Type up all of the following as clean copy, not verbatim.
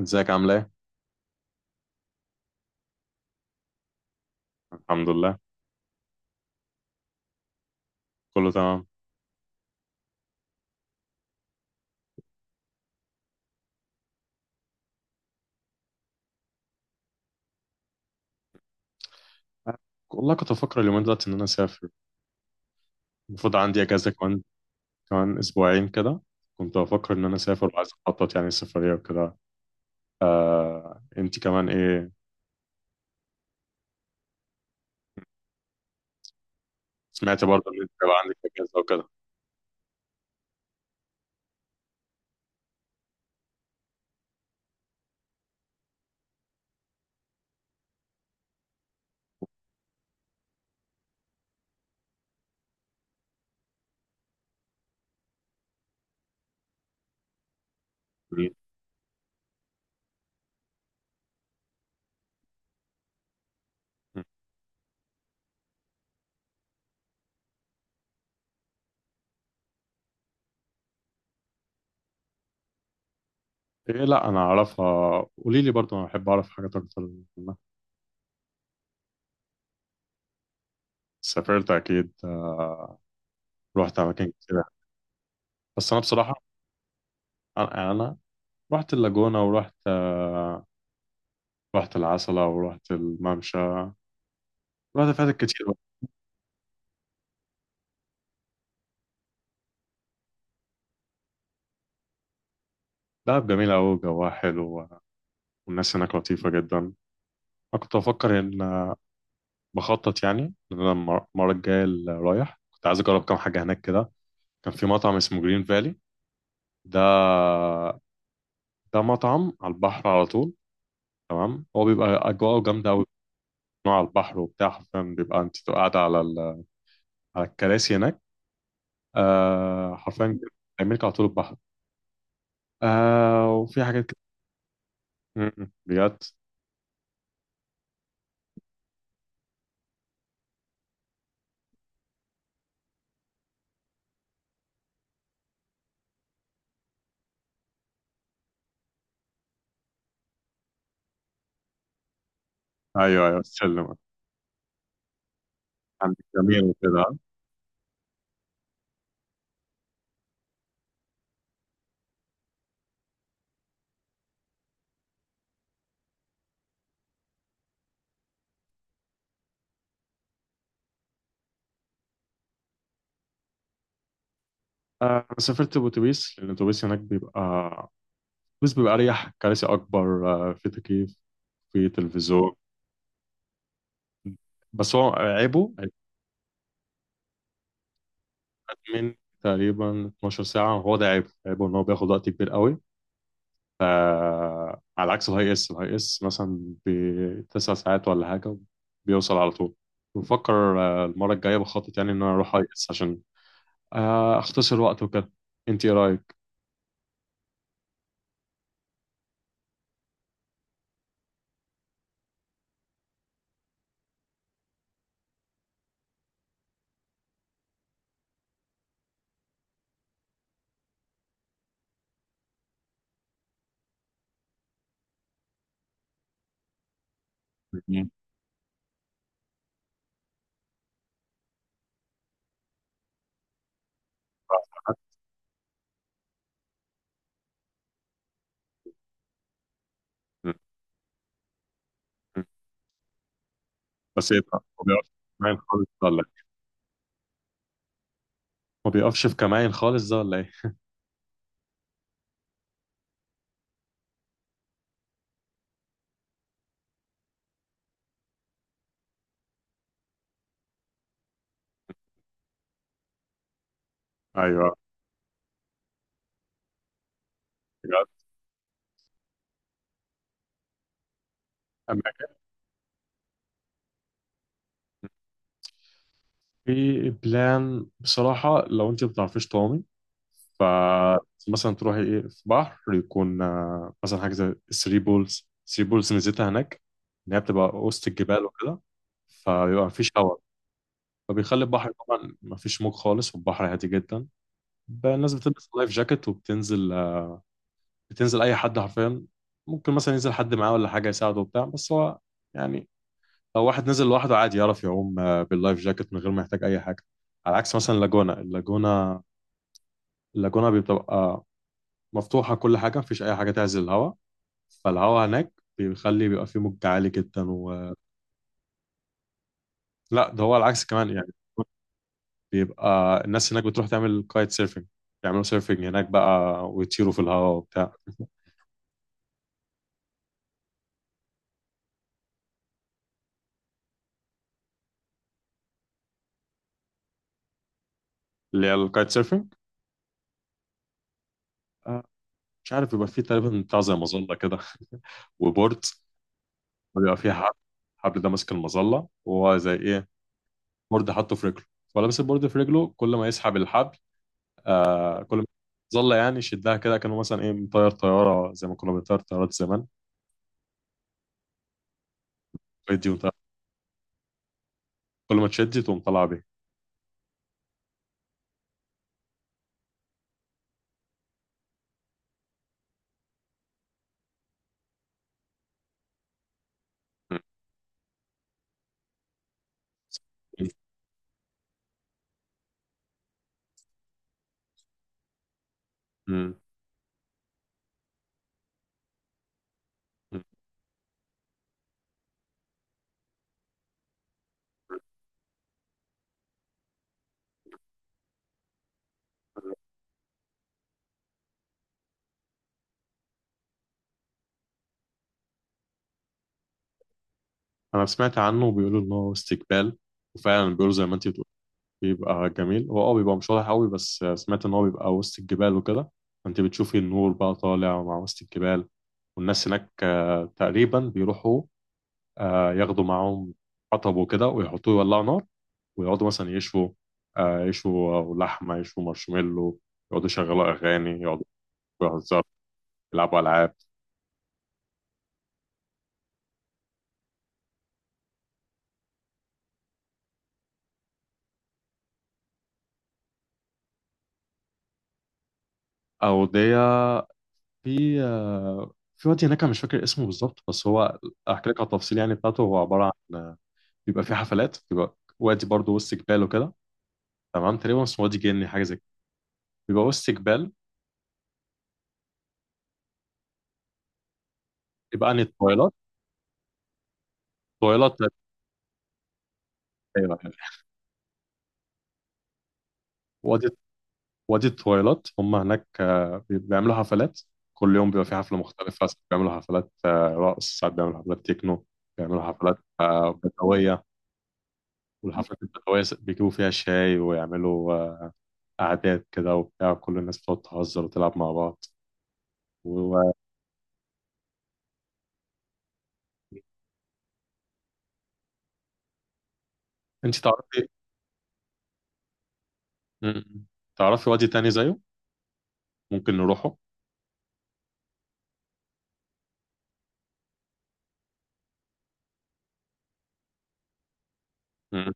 ازيك عامل ايه؟ الحمد لله كله تمام. والله كنت بفكر اليومين دلوقتي ان انا اسافر. المفروض عندي اجازه كمان اسبوعين كده. كنت بفكر ان انا اسافر وعايز اخطط يعني السفريه وكده. آه انت كمان ايه، سمعت برضه ان انت بقى عندك اجازه وكده. م. ايه، لا انا اعرفها، قولي لي برضه، انا بحب اعرف حاجات اكتر منها. سافرت اكيد آه، رحت اماكن كتير. بس انا بصراحه انا رحت اللاجونه ورحت رحت العسله ورحت الممشى، الوقت فاتت كتير بقى. دهب جميل أوي، جواها حلو، والناس هناك لطيفة جدا. أنا كنت بفكر إن بخطط يعني إن أنا المرة الجاية اللي رايح كنت عايز أجرب كام حاجة هناك كده. كان في مطعم اسمه جرين فالي، ده مطعم على البحر على طول. تمام، هو بيبقى أجواءه جامدة أوي، نوع على البحر وبتاع. حرفيا بيبقى أنت بتبقى قاعدة على على الكراسي هناك، آه حرفيا بيعملك على طول البحر، آه وفي حاجات كده. م- م. بجد. أيوه أيوه سلم، عندك جميل وكده. سافرت بأتوبيس لأن الأتوبيس هناك بيبقى، الأتوبيس بيبقى أريح، كراسي أكبر، في تكييف، في تلفزيون. بس هو عيبه هيبقى من تقريبا 12 ساعة. هو ده عيبه، عيبه إن هو بياخد وقت كبير قوي، على عكس الهاي إس. الهاي إس مثلا بتسع ساعات ولا حاجة بيوصل على طول. بفكر المرة الجاية بخطط يعني إن أنا أروح هاي إس عشان أختصر وقت وكده. أنت إيه رأيك؟ مم. بس إيه ده؟ هو بيقف في كمائن خالص ده ولا إيه؟ هو بيقفش في كمائن خالص ده ولا إيه؟ أيوه. بجد. أنا في بلان بصراحة، لو أنت ما بتعرفيش تعومي، فمثلا تروحي إيه في بحر يكون مثلا حاجة زي الثري بولز. الثري بولز ميزتها هناك إن هي بتبقى وسط الجبال وكده، فبيبقى مفيش هواء، فبيخلي البحر طبعا مفيش موج خالص والبحر هادي جدا. بقى الناس بتلبس لايف جاكيت وبتنزل، بتنزل أي حد حرفيا. ممكن مثلا ينزل حد معاه ولا حاجة يساعده وبتاع، بس هو يعني لو واحد نزل لوحده عادي يعرف يعوم آه، باللايف جاكيت من غير ما يحتاج اي حاجه. على عكس مثلا اللاجونه. اللاجونه بتبقى مفتوحه، كل حاجه مفيش اي حاجه تعزل الهواء، فالهواء هناك بيخلي بيبقى فيه موج عالي جدا و... لا ده هو العكس كمان يعني. بيبقى الناس هناك بتروح تعمل كايت سيرفنج، يعملوا سيرفنج هناك بقى ويطيروا في الهواء وبتاع. اللي هي الكايت سيرفينج، آه، مش عارف، بيبقى فيه تقريبا بتاع زي مظله كده، وبورد، وبيبقى فيه حبل. الحبل ده ماسك المظله، وهو زي ايه بورد حاطه في رجله، فلابس البورد في رجله. كل ما يسحب الحبل، آه كل ما ظل يعني يشدها كده، كانه مثلا ايه مطير طياره زي ما كنا بنطير طيارات زمان، ويدي وطير. كل ما تشد تقوم طالعه بيه. م. م. م. انا سمعت عنه، وبيقولوا ان هو استقبال، وفعلا بيقولوا زي ما انت بتقول بيبقى جميل. هو اه بيبقى مش واضح قوي، بس سمعت ان هو بيبقى وسط الجبال وكده. انت بتشوفي النور بقى طالع مع وسط الجبال، والناس هناك تقريبا بيروحوا ياخدوا معاهم حطب وكده ويحطوه يولعوا نار، ويقعدوا مثلا يشوا يشوا لحمة، يشوا مارشميلو، يقعدوا يشغلوا أغاني، يقعدوا يهزروا، يلعبوا ألعاب. أودية، في في وادي هناك أنا مش فاكر اسمه بالظبط، بس هو أحكي لك على التفصيل يعني بتاعته. هو عبارة عن بيبقى فيه حفلات، بيبقى وادي برضه وسط جبال وكده. تمام، تقريبا اسمه وادي جني حاجة زي كده، بيبقى وسط جبال. يبقى عن الطويلات. طويلات، لا تتخيلها يعني. وادي، وادي التويلات، هم هناك آه، بيعملوا حفلات. كل يوم بيبقى في حفلة مختلفة، ساعات بيعملوا حفلات رقص، ساعات بيعملوا حفلات تكنو، بيعملوا حفلات بدوية. والحفلات البدوية بيجيبوا فيها شاي ويعملوا قعدات كده وبتاع، كل الناس بتقعد تهزر وتلعب مع بعض. وانت تعرفي م- تعرفي وادي تاني زيه ممكن نروحه؟ م-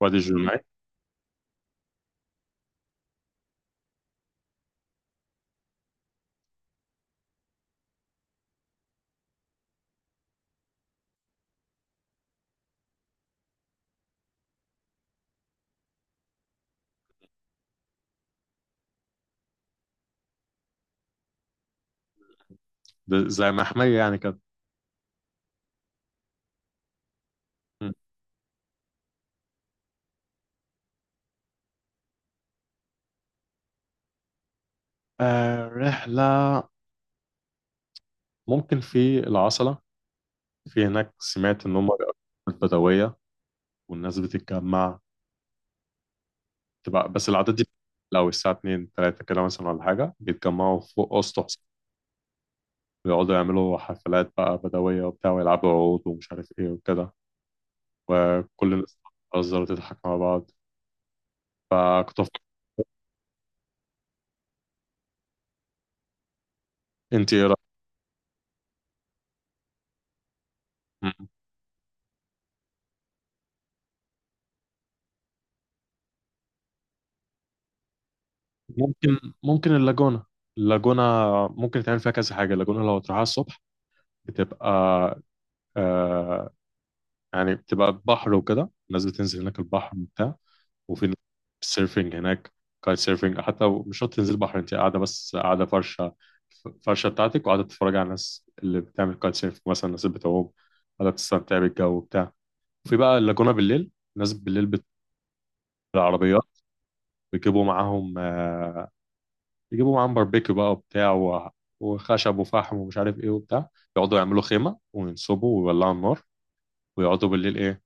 وادي الجمعة. ده زي محمية يعني كده. م. آه، رحلة ممكن في العصلة. في هناك، سمعت إن هم البدوية والناس بتتجمع، تبقى بس العادات دي لو الساعة 2 3 كده مثلا ولا حاجة بيتجمعوا فوق أسطح، ويقعدوا يعملوا حفلات بقى بدوية وبتاع، ويلعبوا عود ومش عارف إيه وكده، وكل الناس بتهزر وتضحك مع بعض. فكنت أفكر، أنت إيه رأيك؟ مم. ممكن اللاجونة. اللاجونة ممكن تعمل فيها كذا حاجة. اللاجونة لو تروحها الصبح بتبقى آه، يعني بتبقى بحر وكده، الناس بتنزل هناك البحر وبتاع، وفي السيرفنج هناك، كايت سيرفنج. حتى مش شرط تنزل بحر، انت قاعده بس، قاعده فرشه بتاعتك وقاعده تتفرج على الناس اللي بتعمل كايت سيرف، مثلا الناس اللي بتعوم، قاعده بتستمتع بالجو وبتاع. وفي بقى اللاجونه بالليل، الناس بالليل بالعربيات بيجيبوا معاهم بيجيبوا معاهم باربيكيو بقى وبتاع وخشب وفحم ومش عارف ايه وبتاع، يقعدوا يعملوا خيمه وينصبوا ويولعوا النار، ويقعدوا بالليل ايه،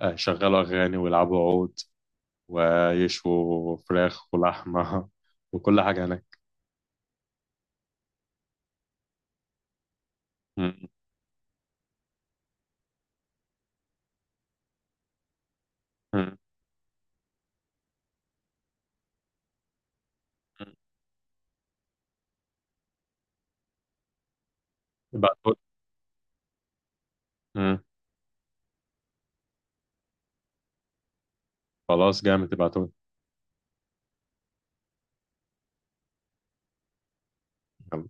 يشغلوا اغاني ويلعبوا عود، ويشووا فراخ ولحمه وكل حاجه هناك. مم. مم. ابعتهولي. مم. خلاص جامد، ابعتهولي. يلا.